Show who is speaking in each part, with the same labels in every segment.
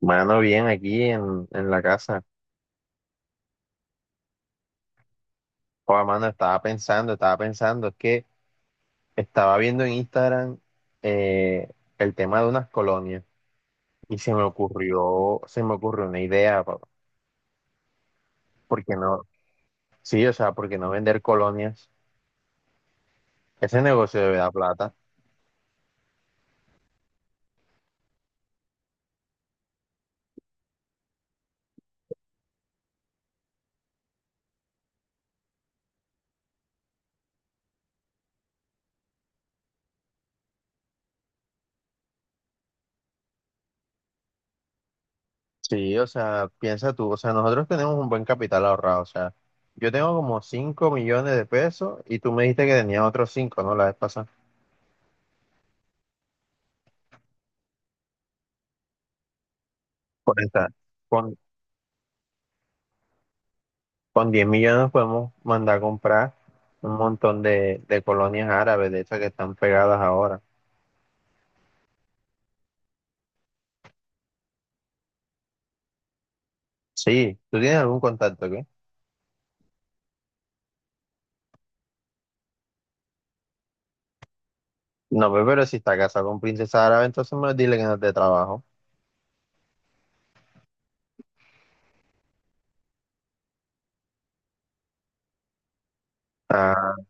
Speaker 1: Mano, bien, aquí en la casa. Joder, mano, estaba pensando, es que estaba viendo en Instagram eh, el tema de unas colonias y se me ocurrió una idea, papá. ¿Por qué no? Sí, o sea, ¿por qué no vender colonias? Ese negocio debe dar plata. Sí, o sea, piensa tú, o sea, nosotros tenemos un buen capital ahorrado, o sea, yo tengo como 5 millones de pesos y tú me dijiste que tenías otros 5, ¿no? La vez pasada. Con Con 10 millones podemos mandar a comprar un montón de colonias árabes, de esas que están pegadas ahora. Sí, ¿tú tienes algún contacto, qué? No, pero si está casado con princesa árabe, entonces me dile que no te trabajo. Ah,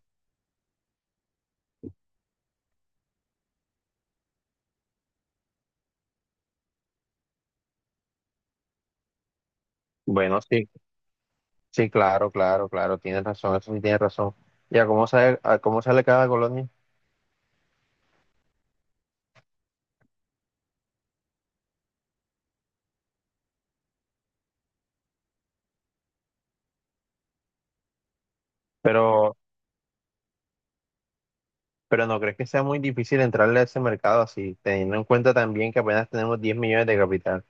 Speaker 1: bueno, sí, sí, claro, claro, claro, tienes razón, eso sí tienes razón. Ya, a cómo sale cada colonia? Pero, pero ¿no crees que sea muy difícil entrarle a ese mercado así, teniendo en cuenta también que apenas tenemos 10 millones de capital?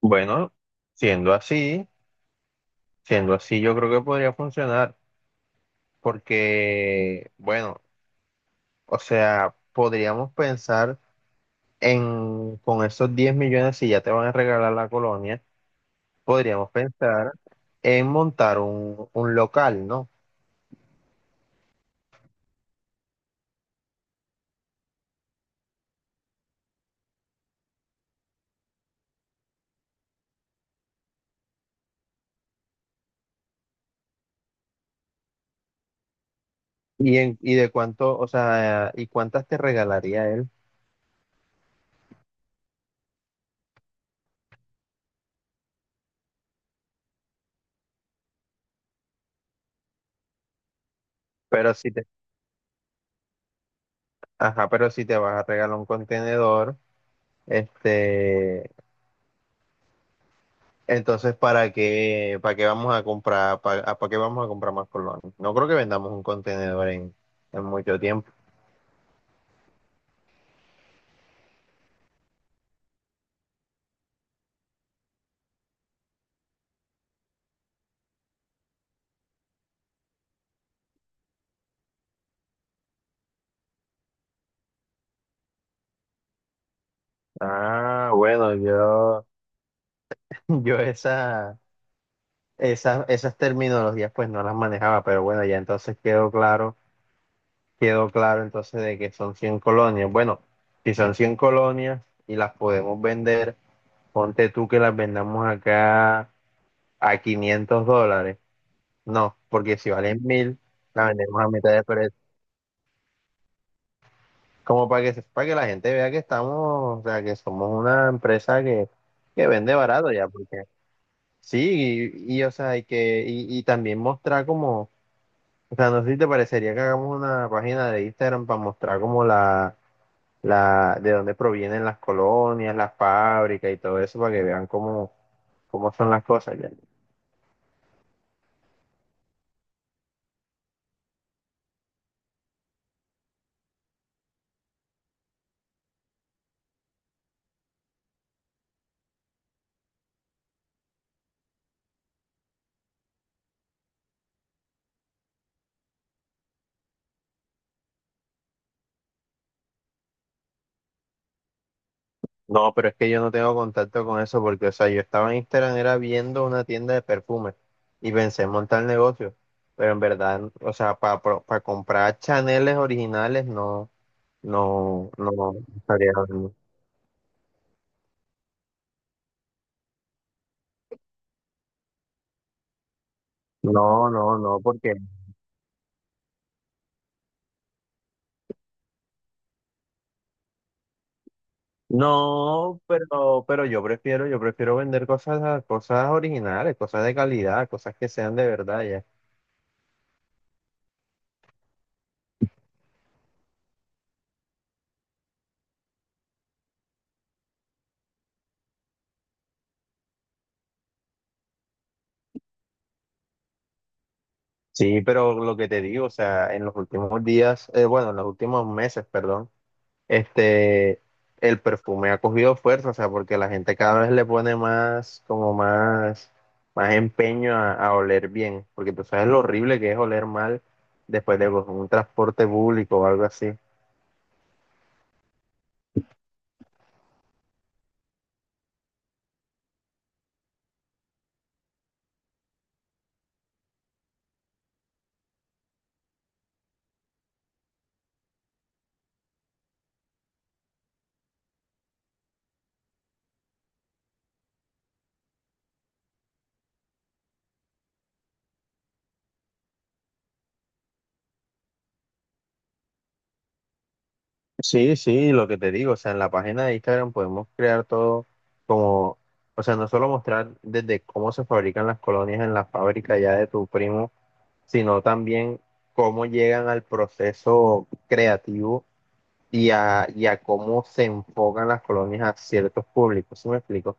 Speaker 1: Bueno, siendo así, siendo así, yo creo que podría funcionar. Porque, bueno, o sea, podríamos pensar con esos 10 millones, si ya te van a regalar la colonia, podríamos pensar en montar un local, ¿no? Y de cuánto, o sea, y cuántas te regalaría él. Pero si te, ajá, pero si te vas a regalar un contenedor, este, entonces, para qué vamos a comprar más colonias? No creo que vendamos un contenedor en mucho tiempo. Ah, bueno, yo esas terminologías pues no las manejaba, pero bueno, ya entonces quedó claro entonces de que son 100 colonias. Bueno, si son 100 colonias y las podemos vender, ponte tú que las vendamos acá a $500. No, porque si valen 1000 las vendemos a mitad de precio. Como para que, para que la gente vea que estamos, o sea, que somos una empresa que vende barato ya, porque. Sí, o sea, y también mostrar como, o sea, no sé si te parecería que hagamos una página de Instagram para mostrar como de dónde provienen las colonias, las fábricas y todo eso, para que vean cómo son las cosas ya. No, pero es que yo no tengo contacto con eso, porque, o sea, yo estaba en Instagram, era viendo una tienda de perfumes, y pensé en montar el negocio, pero en verdad, o sea, para comprar Chaneles originales, no, no, no, no estaría. No, no, no, porque. No, pero yo prefiero vender cosas, cosas originales, cosas de calidad, cosas que sean de verdad ya. Sí, pero lo que te digo, o sea, en los últimos días, bueno, en los últimos meses, perdón, este, el perfume ha cogido fuerza, o sea, porque la gente cada vez le pone más empeño a oler bien, porque tú sabes lo horrible que es oler mal después de pues, un transporte público o algo así. Sí, sí, lo que te digo, o sea, en la página de Instagram podemos crear todo como, o sea, no solo mostrar desde cómo se fabrican las colonias en la fábrica ya de tu primo, sino también cómo llegan al proceso creativo y a cómo se enfocan las colonias a ciertos públicos, ¿sí me explico?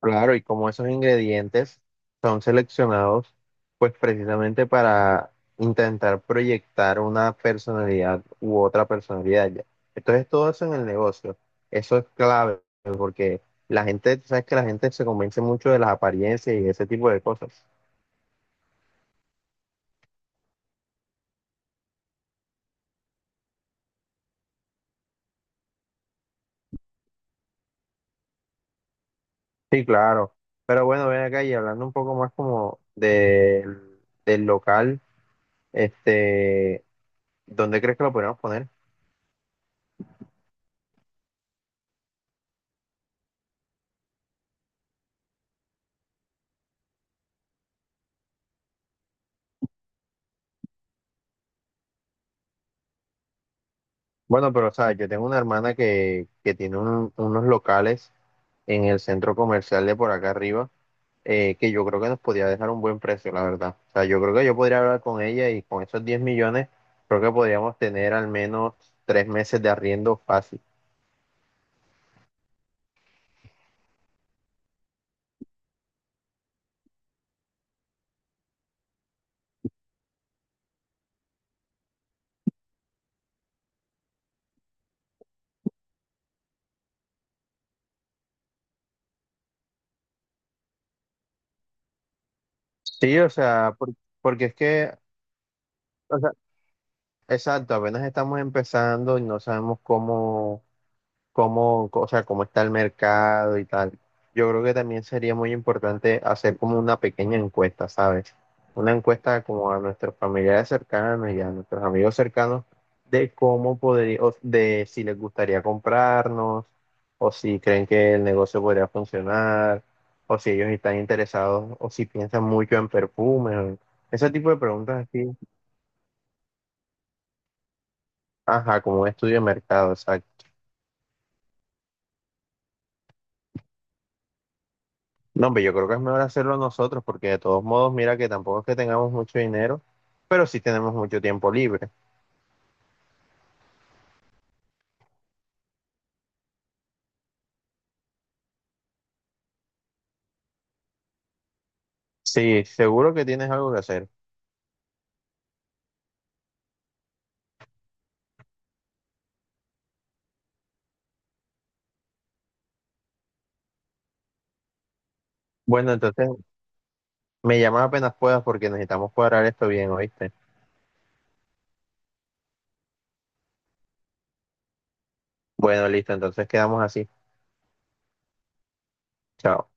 Speaker 1: Claro, y como esos ingredientes son seleccionados, pues precisamente para intentar proyectar una personalidad u otra personalidad ya. Entonces todo eso en el negocio, eso es clave, porque la gente, sabes que la gente se convence mucho de las apariencias y ese tipo de cosas. Sí, claro. Pero bueno, ven acá y hablando un poco más como del local, este, ¿dónde crees que lo podemos poner? Bueno, pero o sea, yo tengo una hermana que tiene unos locales en el centro comercial de por acá arriba, que yo creo que nos podía dejar un buen precio, la verdad. O sea, yo creo que yo podría hablar con ella y con esos 10 millones, creo que podríamos tener al menos 3 meses de arriendo fácil. Sí, o sea, porque es que, o sea, exacto, apenas estamos empezando y no sabemos cómo, o sea, cómo está el mercado y tal. Yo creo que también sería muy importante hacer como una pequeña encuesta, ¿sabes? Una encuesta como a nuestros familiares cercanos y a nuestros amigos cercanos de cómo podría, o de si les gustaría comprarnos, o si creen que el negocio podría funcionar, o si ellos están interesados, o si piensan mucho en perfumes, o ese tipo de preguntas así, ajá, como un estudio de mercado, exacto. No, hombre, yo creo que es mejor hacerlo nosotros porque de todos modos, mira que tampoco es que tengamos mucho dinero, pero sí tenemos mucho tiempo libre. Sí, seguro que tienes algo que hacer. Bueno, entonces me llamas apenas puedas porque necesitamos cuadrar esto bien, ¿oíste? Bueno, listo, entonces quedamos así. Chao.